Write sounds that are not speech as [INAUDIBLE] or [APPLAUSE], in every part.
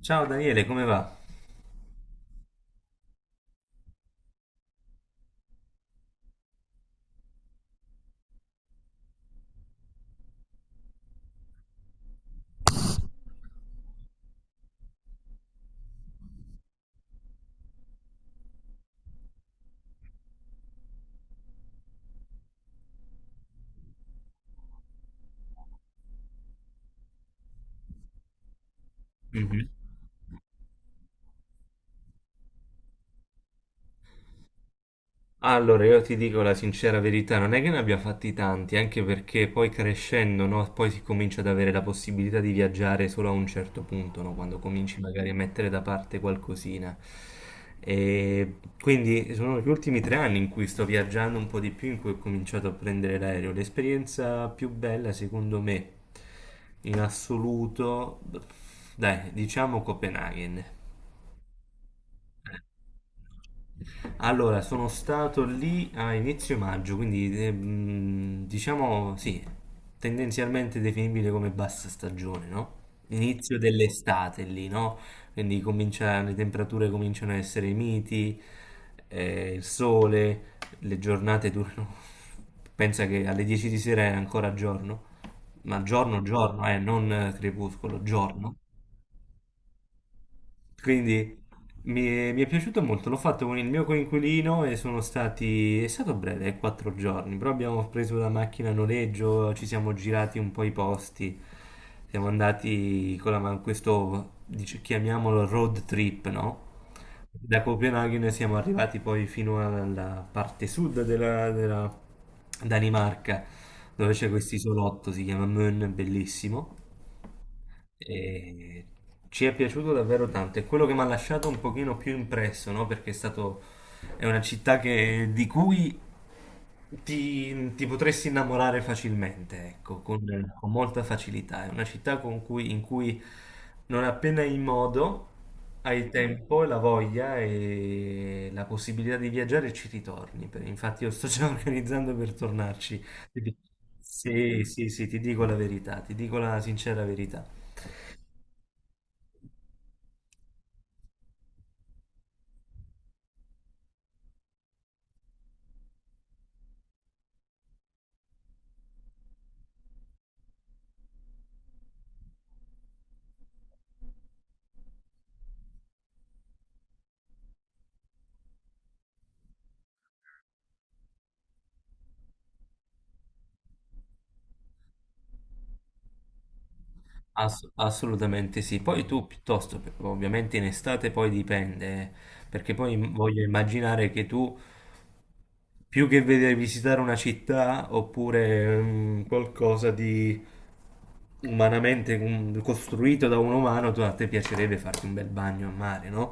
Ciao Daniele, come va? Mhm. Allora, io ti dico la sincera verità, non è che ne abbia fatti tanti, anche perché poi crescendo, no, poi si comincia ad avere la possibilità di viaggiare solo a un certo punto, no, quando cominci magari a mettere da parte qualcosina. E quindi sono gli ultimi 3 anni in cui sto viaggiando un po' di più, in cui ho cominciato a prendere l'aereo. L'esperienza più bella, secondo me, in assoluto, dai, diciamo Copenaghen. Allora, sono stato lì a inizio maggio, quindi diciamo sì, tendenzialmente definibile come bassa stagione, no? Inizio dell'estate lì, no? Quindi le temperature cominciano a essere miti, il sole, le giornate durano. [LAUGHS] Pensa che alle 10 di sera è ancora giorno, ma giorno, giorno, non crepuscolo, giorno. Quindi mi è piaciuto molto, l'ho fatto con il mio coinquilino e è stato breve, 4 giorni, però abbiamo preso la macchina a noleggio, ci siamo girati un po' i posti, siamo andati con la, ma- questo, dice- chiamiamolo road trip, no? Da Copenaghen siamo arrivati poi fino alla parte sud della Danimarca, dove c'è questo isolotto, si chiama Møn, bellissimo. E ci è piaciuto davvero tanto. È quello che mi ha lasciato un pochino più impresso, no? Perché è una città di cui ti potresti innamorare facilmente, ecco, con molta facilità. È una città in cui non appena hai modo, hai tempo, e la voglia e la possibilità di viaggiare, ci ritorni. Infatti, io sto già [LAUGHS] organizzando per tornarci. Ti dico- Sì, sì, sì, ti dico la verità, ti dico la sincera verità. Assolutamente sì. Poi tu piuttosto, ovviamente in estate poi dipende, perché poi voglio immaginare che tu più che vedere visitare una città oppure qualcosa di umanamente costruito da un umano, a te piacerebbe farti un bel bagno a mare, no?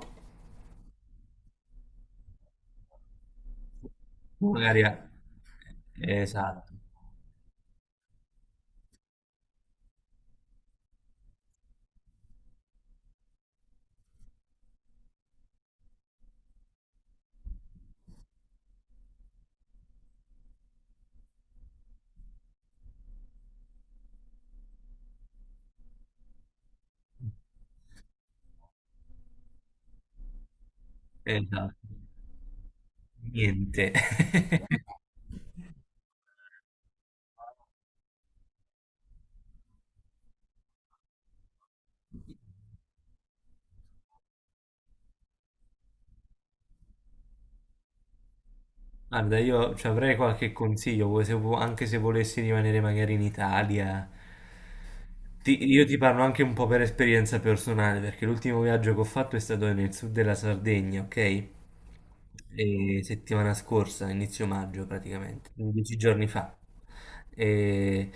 Magari a- Esatto, esatto. Niente. [LAUGHS] Guarda, io ci avrei qualche consiglio, vuoi se vu- anche se volessi rimanere magari in Italia. Io ti parlo anche un po' per esperienza personale, perché l'ultimo viaggio che ho fatto è stato nel sud della Sardegna, ok? E settimana scorsa, inizio maggio praticamente, 10 giorni fa. E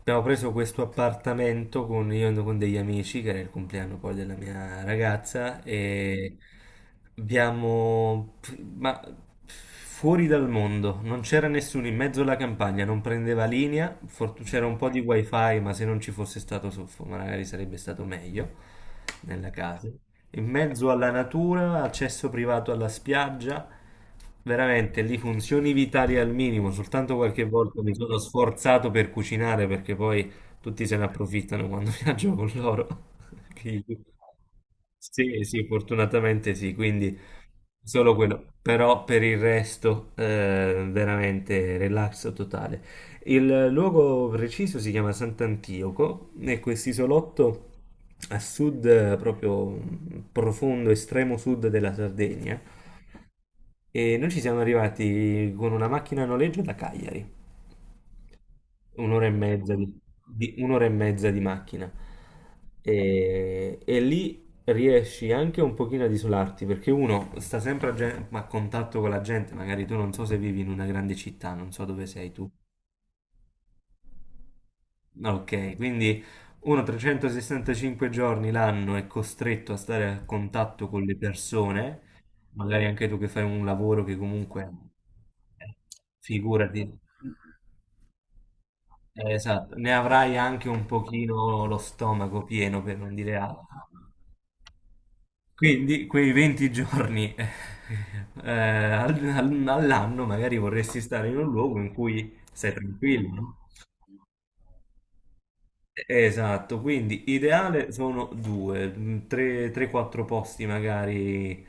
abbiamo preso questo appartamento con, io ando con degli amici, che era il compleanno poi della mia ragazza, e abbiamo... ma fuori dal mondo, non c'era nessuno in mezzo alla campagna, non prendeva linea, c'era un po' di wifi, ma se non ci fosse stato soffo, magari sarebbe stato meglio nella casa. In mezzo alla natura, accesso privato alla spiaggia, veramente lì funzioni vitali al minimo, soltanto qualche volta mi sono sforzato per cucinare perché poi tutti se ne approfittano quando [LAUGHS] viaggio con loro. [LAUGHS] Quindi- Sì, sì, fortunatamente sì, solo quello, però per il resto veramente relax totale. Il luogo preciso si chiama Sant'Antioco e quest'isolotto a sud, proprio profondo, estremo sud della Sardegna. E noi ci siamo arrivati con una macchina a noleggio da Cagliari. Un'ora e mezza di macchina. E lì riesci anche un pochino ad isolarti, perché uno sta sempre a contatto con la gente, magari tu non so se vivi in una grande città, non so dove sei tu. Ok, quindi uno 365 giorni l'anno è costretto a stare a contatto con le persone, magari anche tu che fai un lavoro che comunque, eh, figurati. Esatto, ne avrai anche un pochino lo stomaco pieno per non dire altro. Quindi quei 20 giorni [LAUGHS] all'anno magari vorresti stare in un luogo in cui sei tranquillo, no? Esatto, quindi ideale sono 3-4 posti magari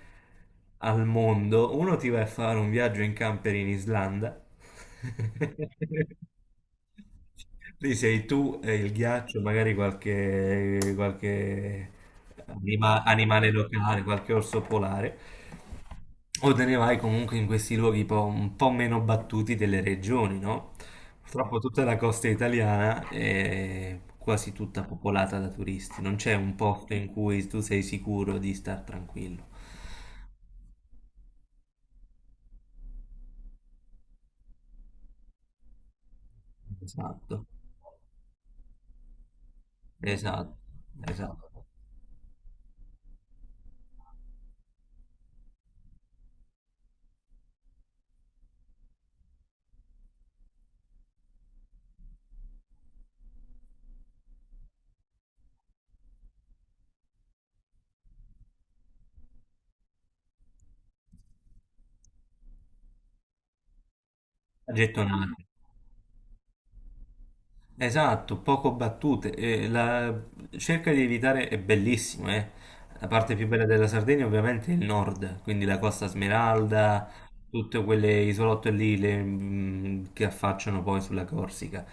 al mondo. Uno ti vai a fare un viaggio in camper in Islanda. [LAUGHS] Lì sei tu e il ghiaccio, magari qualche animale locale, qualche orso polare. O te ne vai comunque in questi luoghi un po' meno battuti delle regioni, no? Purtroppo tutta la costa italiana è quasi tutta popolata da turisti, non c'è un posto in cui tu sei sicuro di star tranquillo. Esatto, esatto, esatto. Gettonati. Esatto, poco battute. Cerca di evitare, è bellissimo, eh. La parte più bella della Sardegna ovviamente è il nord, quindi la Costa Smeralda, tutte quelle isolotte lì che affacciano poi sulla Corsica.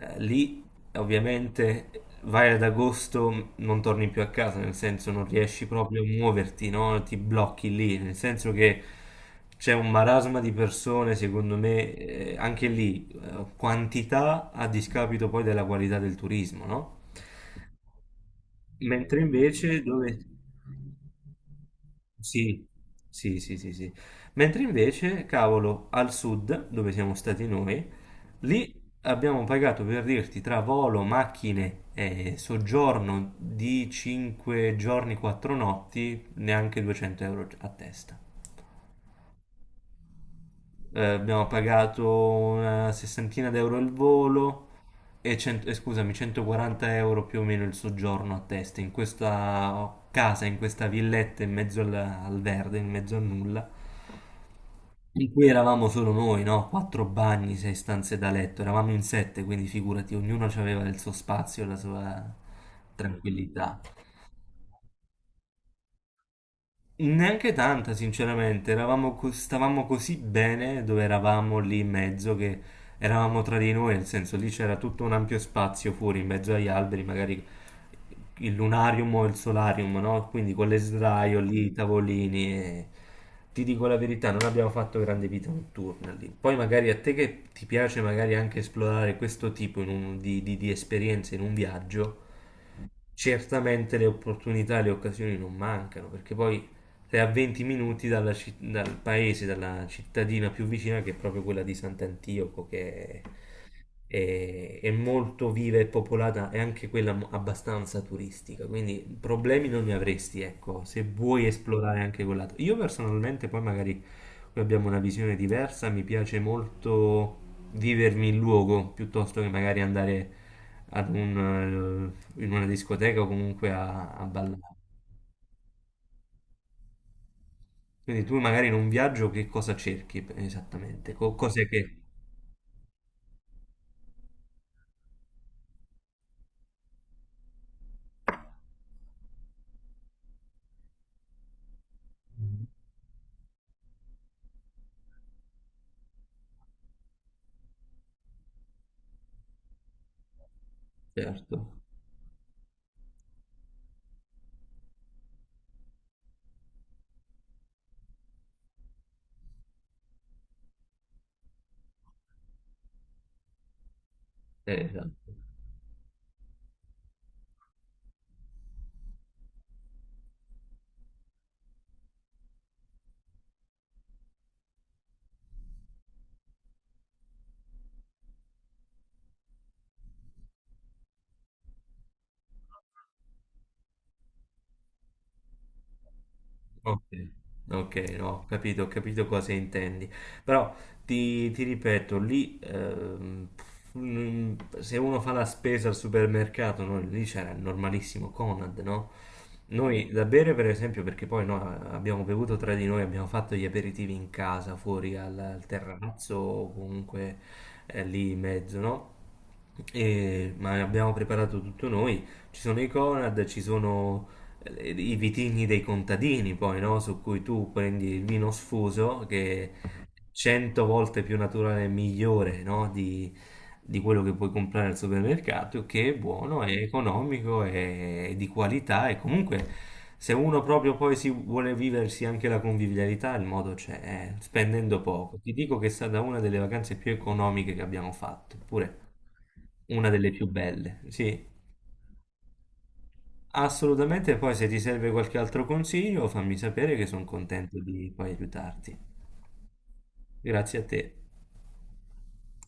Lì ovviamente vai ad agosto, non torni più a casa, nel senso non riesci proprio a muoverti, no? Ti blocchi lì, nel senso che c'è un marasma di persone, secondo me, anche lì quantità a discapito poi della qualità del turismo, no? Mentre invece dove... Sì, sì, sì, sì, sì. Mentre invece, cavolo, al sud, dove siamo stati noi, lì abbiamo pagato per dirti tra volo, macchine e soggiorno di 5 giorni, 4 notti, neanche 200 euro a testa. Abbiamo pagato una sessantina d'euro al volo e scusami, 140 euro più o meno il soggiorno a testa in questa casa, in questa villetta in mezzo al verde, in mezzo a nulla, in cui eravamo solo noi, no? Quattro bagni, sei stanze da letto, eravamo in sette, quindi figurati, ognuno aveva il suo spazio, la sua tranquillità. Neanche tanta, sinceramente, stavamo così bene dove eravamo lì in mezzo che eravamo tra di noi, nel senso lì c'era tutto un ampio spazio fuori in mezzo agli alberi, magari il lunarium o il solarium, no? Quindi con le sdraio lì, i tavolini. Ti dico la verità, non abbiamo fatto grande vita notturna lì. Poi magari a te che ti piace magari anche esplorare questo tipo in un- di esperienze in un viaggio, certamente le opportunità e le occasioni non mancano, perché poi sei a 20 minuti dalla dal paese, dalla cittadina più vicina, che è proprio quella di Sant'Antioco, che è molto viva e popolata, e anche quella abbastanza turistica, quindi problemi non ne avresti, ecco, se vuoi esplorare anche quell'altro. Io personalmente, poi magari qui abbiamo una visione diversa, mi piace molto vivermi il luogo piuttosto che magari andare in una discoteca o comunque a ballare. Quindi tu magari in un viaggio che cosa cerchi esattamente? Certo, esatto. Ok, ok, no, ho capito cosa intendi. Però ti ripeto, lì mm, se uno fa la spesa al supermercato, no, lì c'era il normalissimo Conad, no? Noi da bere, per esempio, perché poi no, abbiamo bevuto tra di noi, abbiamo fatto gli aperitivi in casa, fuori al terrazzo o comunque lì in mezzo, no? Ma abbiamo preparato tutto noi. Ci sono i Conad, ci sono i vitigni dei contadini, poi, no? Su cui tu prendi il vino sfuso che è 100 volte più naturale e migliore, no? Di quello che puoi comprare al supermercato, che è buono, è economico, è di qualità e comunque se uno proprio poi si vuole viversi anche la convivialità, il modo c'è, spendendo poco. Ti dico che è stata una delle vacanze più economiche che abbiamo fatto, eppure una delle più belle. Sì. Assolutamente, poi se ti serve qualche altro consiglio, fammi sapere che sono contento di poi aiutarti. Grazie a te.